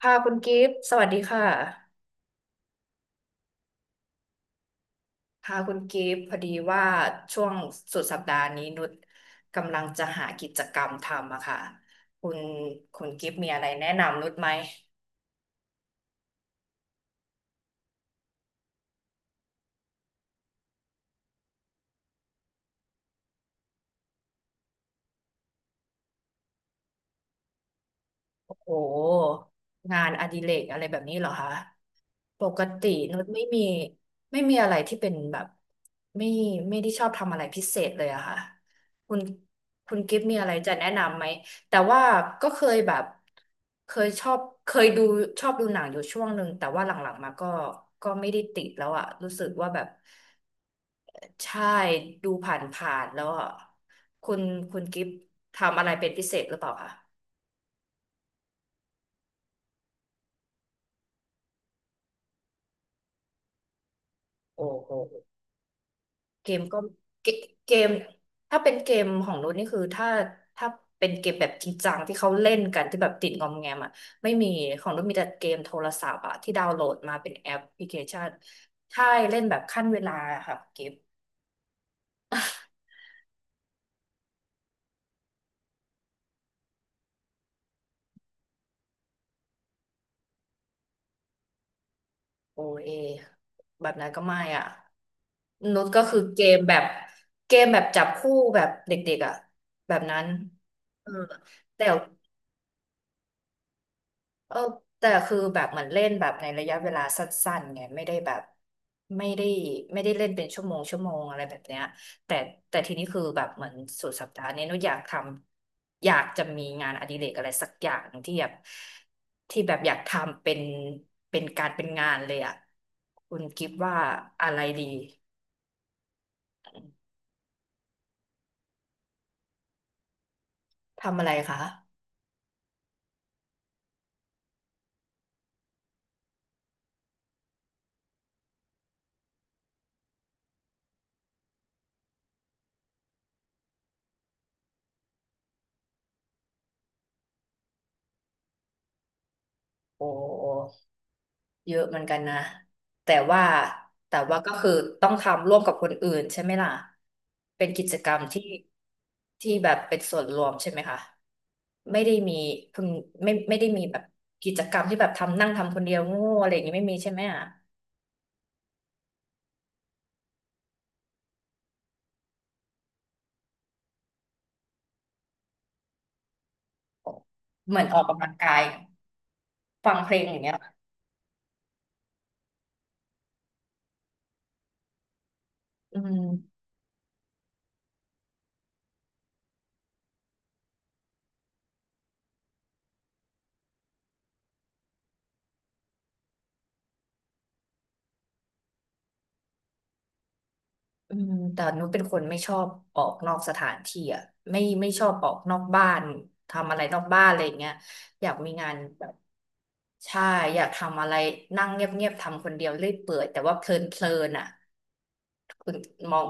ค่ะคุณกิฟต์สวัสดีค่ะค่ะคุณกิฟต์พอดีว่าช่วงสุดสัปดาห์นี้นุชกำลังจะหากิจกรรมทำอะค่ะคุณคุณกิฟต์มีอะไรแนะนำนุชไหม โอ้งานอดิเรกอะไรแบบนี้เหรอคะ ปกตินุชไม่มีไม่มีอะไรที่เป็นแบบไม่ไม่ได้ชอบทำอะไรพิเศษเลยอะค่ะคุณคุณกิฟต์มีอะไรจะแนะนำไหมแต่ว่าก็เคยแบบเคยชอบเคยดูชอบดูหนังอยู่ช่วงหนึ่งแต่ว่าหลังๆมาก็ก็ไม่ได้ติดแล้วอะรู้สึกว่าแบบใช่ดูผ่านๆแล้วอะคุณคุณกิฟต์ทำอะไรเป็นพิเศษหรือเปล่าคะโอ้โห เกมก็เกเกมถ้าเป็นเกมของรุ่นนี่คือถ้าเป็นเกมแบบจริงจังที่เขาเล่นกันที่แบบติดงอมแงมอ่ะไม่มีของรุ่นมีแต่เกมโทรศัพท์อ่ะที่ดาวน์โหลดมาเป็นแอปพลิเคชันใช่เล่นแบบขั้นเวลาอะค่ะเกมโอเอแบบนั้นก็ไม่อ่ะนุชก็คือเกมแบบเกมแบบจับคู่แบบเด็กๆอ่ะแบบนั้นเออแต่ เออแต่คือแบบเหมือนเล่นแบบในระยะเวลาสั้นๆไงไม่ได้แบบไม่ได้ไม่ได้เล่นเป็นชั่วโมงชั่วโมงอะไรแบบเนี้ยแต่แต่ทีนี้คือแบบเหมือนสุดสัปดาห์นี้หนุอยากทำอยากจะมีงานอดิเรกอะไรสักอย่างที่แบบที่แบบอยากทำเป็นเป็นการเป็นงานเลยอ่ะคุณกิฟว่าอะไรดีทำอะไรคะโอ้ เยอะเหมือนกันนะแต่ว่าแต่ว่าก็คือต้องทำร่วมกับคนอื่นใช่ไหมล่ะเป็นกิจกรรมที่ที่แบบเป็นส่วนรวมใช่ไหมคะไม่ได้มีเพิ่งไม่ได้มีแบบกิจกรรมที่แบบทำนั่งทำคนเดียวโง่อะไรอย่างนี้ไม่มีใช่ไหมอ่ะเหมือนออกกำลังกายฟังเพลงอย่างเงี้ยเหรออืม อืมแต่นุชเป็นคนไม่ชอบออกนอกสถานที่อ่ะไม่ชอบออกนอกบ้านทำอะไรนอกบ้านอะไรอย่างเงี้ยอยากมีงานแบบใช่อยากทำอะไรนั่งเงียบๆทำคนเดียวเรื่อยเปื่อยแต่ว่าเพลินๆอ่ะ คุณมอง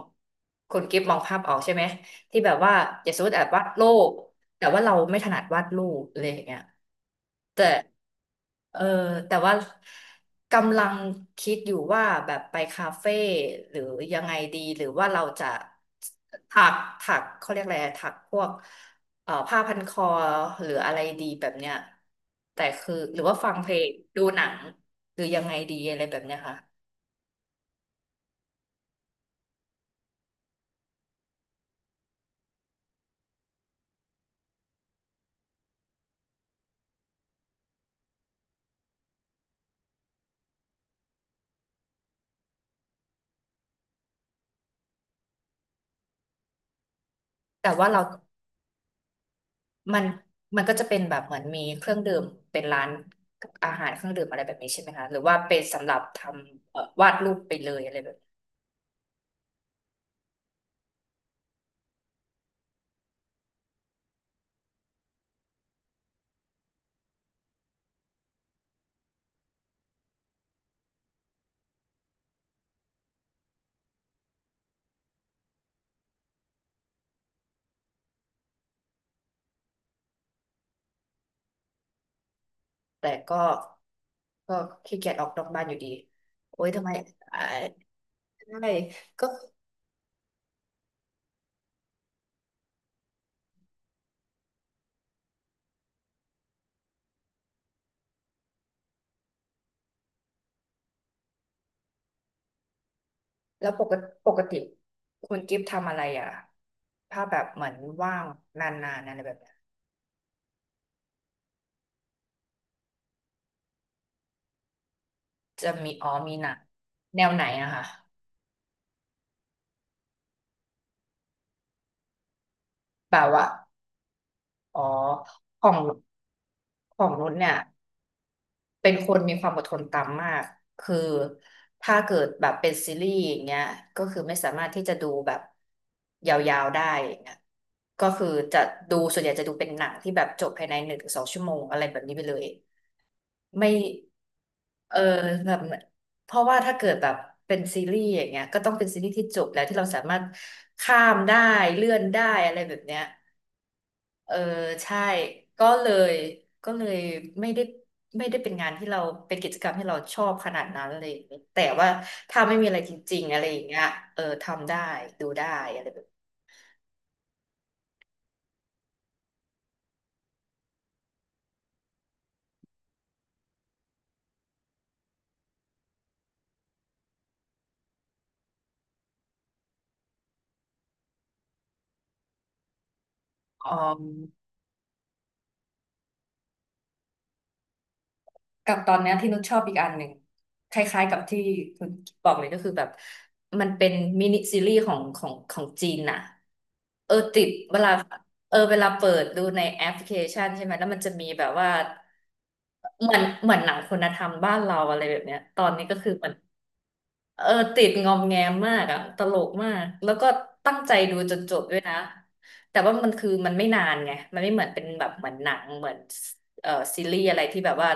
คุณกิฟมองภาพออกใช่ไหมที่แบบว่าอย่าสมมติแบบวาดรูปแต่ว่าเราไม่ถนัดวาดรูปอะไรอย่างเงี้ยแต่เออแต่ว่ากำลังคิดอยู่ว่าแบบไปคาเฟ่หรือยังไงดีหรือว่าเราจะถักถักเขาเรียกอะไรถักพวกผ้าพันคอหรืออะไรดีแบบเนี้ยแต่คือหรือว่าฟังเพลงดูหนังหรือยังไงดีอะไรแบบเนี้ยค่ะแต่ว่าเรา มันมันก็จะเป็นแบบเหมือนมีเครื่องดื่มเป็นร้านอาหารเครื่องดื่มอะไรแบบนี้ใช่ไหมคะหรือว่าเป็นสำหรับทำวาดรูปไปเลยอะไรแบบแต่ก็ขี้เกียจออกนอกบ้านอยู่ดีโอ๊ยทำไมอ่าใช่ก็แล้วปกติคุณกิฟต์ทำอะไรอ่ะถ้าแบบเหมือนว่างนานๆอะไรแบบเนี้ยจะมีอ๋อมีหนังแนวไหนอะคะแบบว่าอ๋อของของนุชเนี่ย เป็นคนมีความอดทนต่ำมากคือถ้าเกิดแบบเป็นซีรีส์อย่างเงี้ยก็คือไม่สามารถที่จะดูแบบยาวๆได้อย่างเงี้ยก็คือจะดูส่วนใหญ่จะดูเป็นหนังที่แบบจบภายในหนึ่งถึงสองชั่วโมงอะไรแบบนี้ไปเลยไม่เออแบบเพราะว่าถ้าเกิดแบบเป็นซีรีส์อย่างเงี้ยก็ต้องเป็นซีรีส์ที่จบแล้วที่เราสามารถข้ามได้เลื่อนได้อะไรแบบเนี้ย เออใช่ก็เลยก็เลยไม่ได้ไม่ได้เป็นงานที่เราเป็นกิจกรรมที่เราชอบขนาดนั้นอะไรอย่างเลยแต่ว่าถ้าไม่มีอะไรจริงๆอะไรอย่างเงี้ยเออทำได้ดูได้อะไรแบบนี้อ๋อกับตอนเนี้ยที่นุชชอบอีกอันหนึ่งคล้ายๆกับที่คุณบอกเลยก็คือแบบมันเป็นมินิซีรีส์ของจีนน่ะเออติดเวลาเออเวลาเปิดดูในแอปพลิเคชันใช่ไหมแล้วมันจะมีแบบว่า เหมือนหนังคุณธรรมบ้านเราอะไรแบบเนี้ยตอนนี้ก็คือเหมือนเออติดงอมแงมมากอะตลกมากแล้วก็ตั้งใจดูจนจบด้วยนะแต่ว่ามันคือมันไม่นานไงมันไม่เหมือนเป็นแบบเหมือนหนังเหมือนเออซีรีส์อะไรที่แบบว่า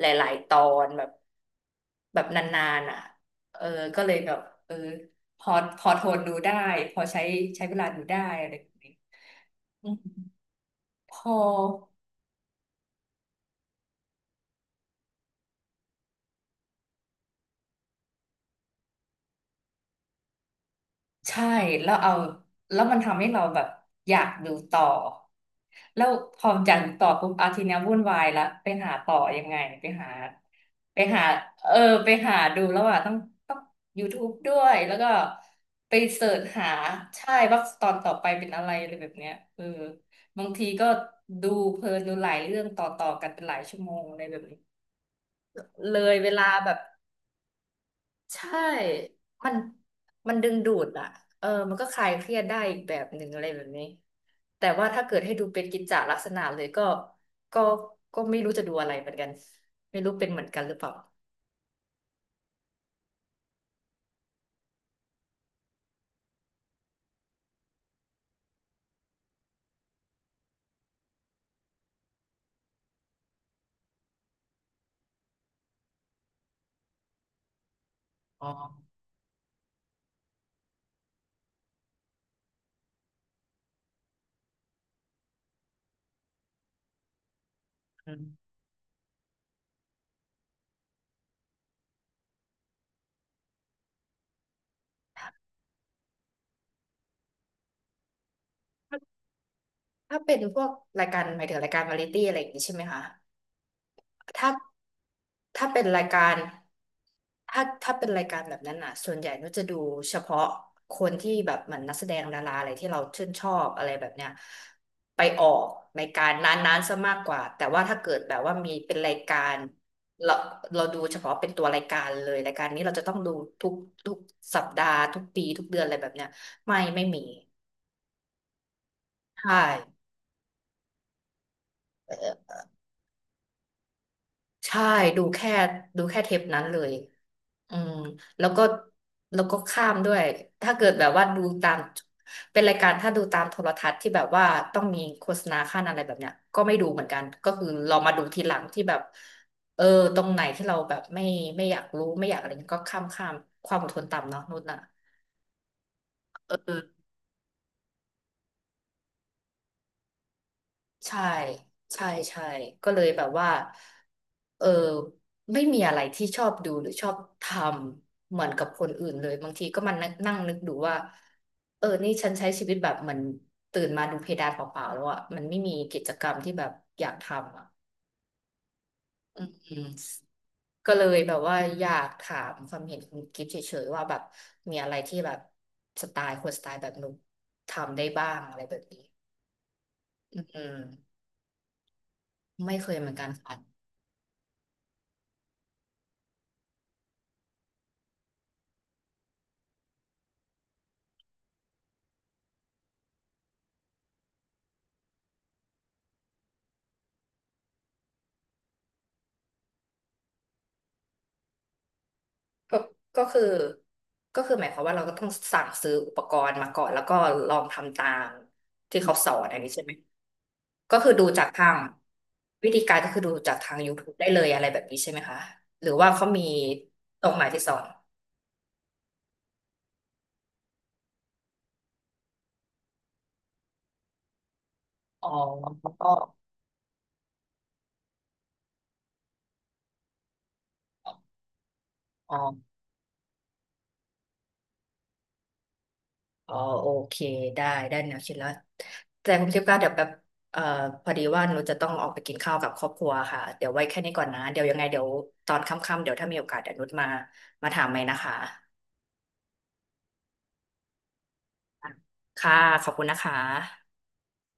หลายๆตอนแบบแบบนานๆอ่ะเออก็เลยแบบเออพอพอทนดูได้พอใช้ใช้เวลาดูได้อะไรแบบนี้อืมพอ ใช่แล้วเอาแล้วมันทำให้เราแบบอยากดูต่อแล้วพออยากดูต่อปุ๊บอาทีเนี้ยวุ่นวายละไปหาต่อยังไงไปหาไปหาเออไปหาดูแล้วอ่ะต้อง YouTube ด้วยแล้วก็ไปเสิร์ชหาใช่ว่าตอนต่อไปเป็นอะไรอะไรแบบเนี้ยเออบางทีก็ดูเพลินดูหลายเรื่องต่อกันเป็นหลายชั่วโมงอะไรแบบนี้เลยเวลาแบบ ใช่มันมันดึงดูดอ่ะเออมันก็คลายเครียดได้อีกแบบหนึ่งอะไรแบบนี้แต่ว่าถ้าเกิดให้ดูเป็นกิจจลักษณะเลยก็ก็ไม่รู้จะดูอะไรเหมือนกันไม่รู้เป็นเหมือนกันหรือเปล่าอ๋ออืมถ้าถ้าเป็นพวกรายการหมายถึงรายการวาไรตี้อะไรอย่างนี้ใช่ไหมคะถ้าถ้าเป็นรายการ ถ้าเป็นรายการแบบนั้นอ่ะส่วนใหญ่นุชจะดูเฉพาะคนที่แบบเหมือนนักแสดงดาราอะไรที่เราชื่นชอบอะไรแบบเนี้ยไปออกรายการนั้นๆซะมากกว่าแต่ว่าถ้าเกิดแบบว่ามีเป็นรายการเราเราดูเฉพาะเป็นตัวรายการเลยรายการนี้เราจะต้องดูทุกทุกสัปดาห์ทุกปีทุกเดือนอะไรแบบเนี้ยไม่มีใช่ ใช่ดูแค่ดูแค่เทปนั้นเลยอืมแล้วก็แล้วก็ข้ามด้วยถ้าเกิดแบบว่าดูตามเป็นรายการถ้าดูตามโทรทัศน์ที่แบบว่าต้องมีโฆษณาขั้นอะไรแบบเนี้ยก็ไม่ดูเหมือนกันก็คือเรามาดูทีหลังที่แบบเออตรงไหนที่เราแบบไม่อยากรู้ไม่อยากอะไรเงี้ยก็ข้ามความอดทนต่ำเนาะนุ่นน่ะเออ ใช่ใช่ใช่ก็เลยแบบว่าเออไม่มีอะไรที่ชอบดูหรือชอบทำเหมือนกับคนอื่นเลยบางทีก็มันงนั่งนึกดูว่าเออนี่ฉันใช้ชีวิตแบบเหมือนตื่นมาดูเพดานเปล่าๆแล้วอ่ะมันไม่มีกิจกรรมที่แบบอยากทำอ่ะอืมก็เลยแบบว่าอยากถามความเห็นคุณกิฟต์เฉยๆว่าแบบมีอะไรที่แบบสไตล์คนสไตล์แบบนุกทำได้บ้างอะไรแบบนี้อืมไม่เคยเหมือนกันค่ะ ก็ก็คือก็คือหมายความว่าเราก็ต้องสั่งซื้ออุปกรณ์มาก่อนแล้วก็ลองทำตามที่เขาสอนอันนี้ใช่ไหมก็คือดูจากทางวิธีการก็คือดูจากทาง YouTube ได้เลยอะไรแบบนี้ใช่ไหมคะ หรือว่าเขามีตรงไหนที่สอนอ๋ออ๋ออ๋อโอเคได้ได้แนวคิดแล้ว แต่คุณทิพย์ก็เดี๋ยวแบบเอ่อพอดีว่าหนูจะต้องออกไปกินข้าวกับครอบครัวค่ะ เดี๋ยวไว้แค่นี้ก่อนนะ เดี๋ยวยังไงเดี๋ยวตอนค่ำๆเดี๋ยวถ้ามีโอกาสเดี๋ยวนุชมา มาถามใหม่นะคะ ค่ะขอบคุณนะคะ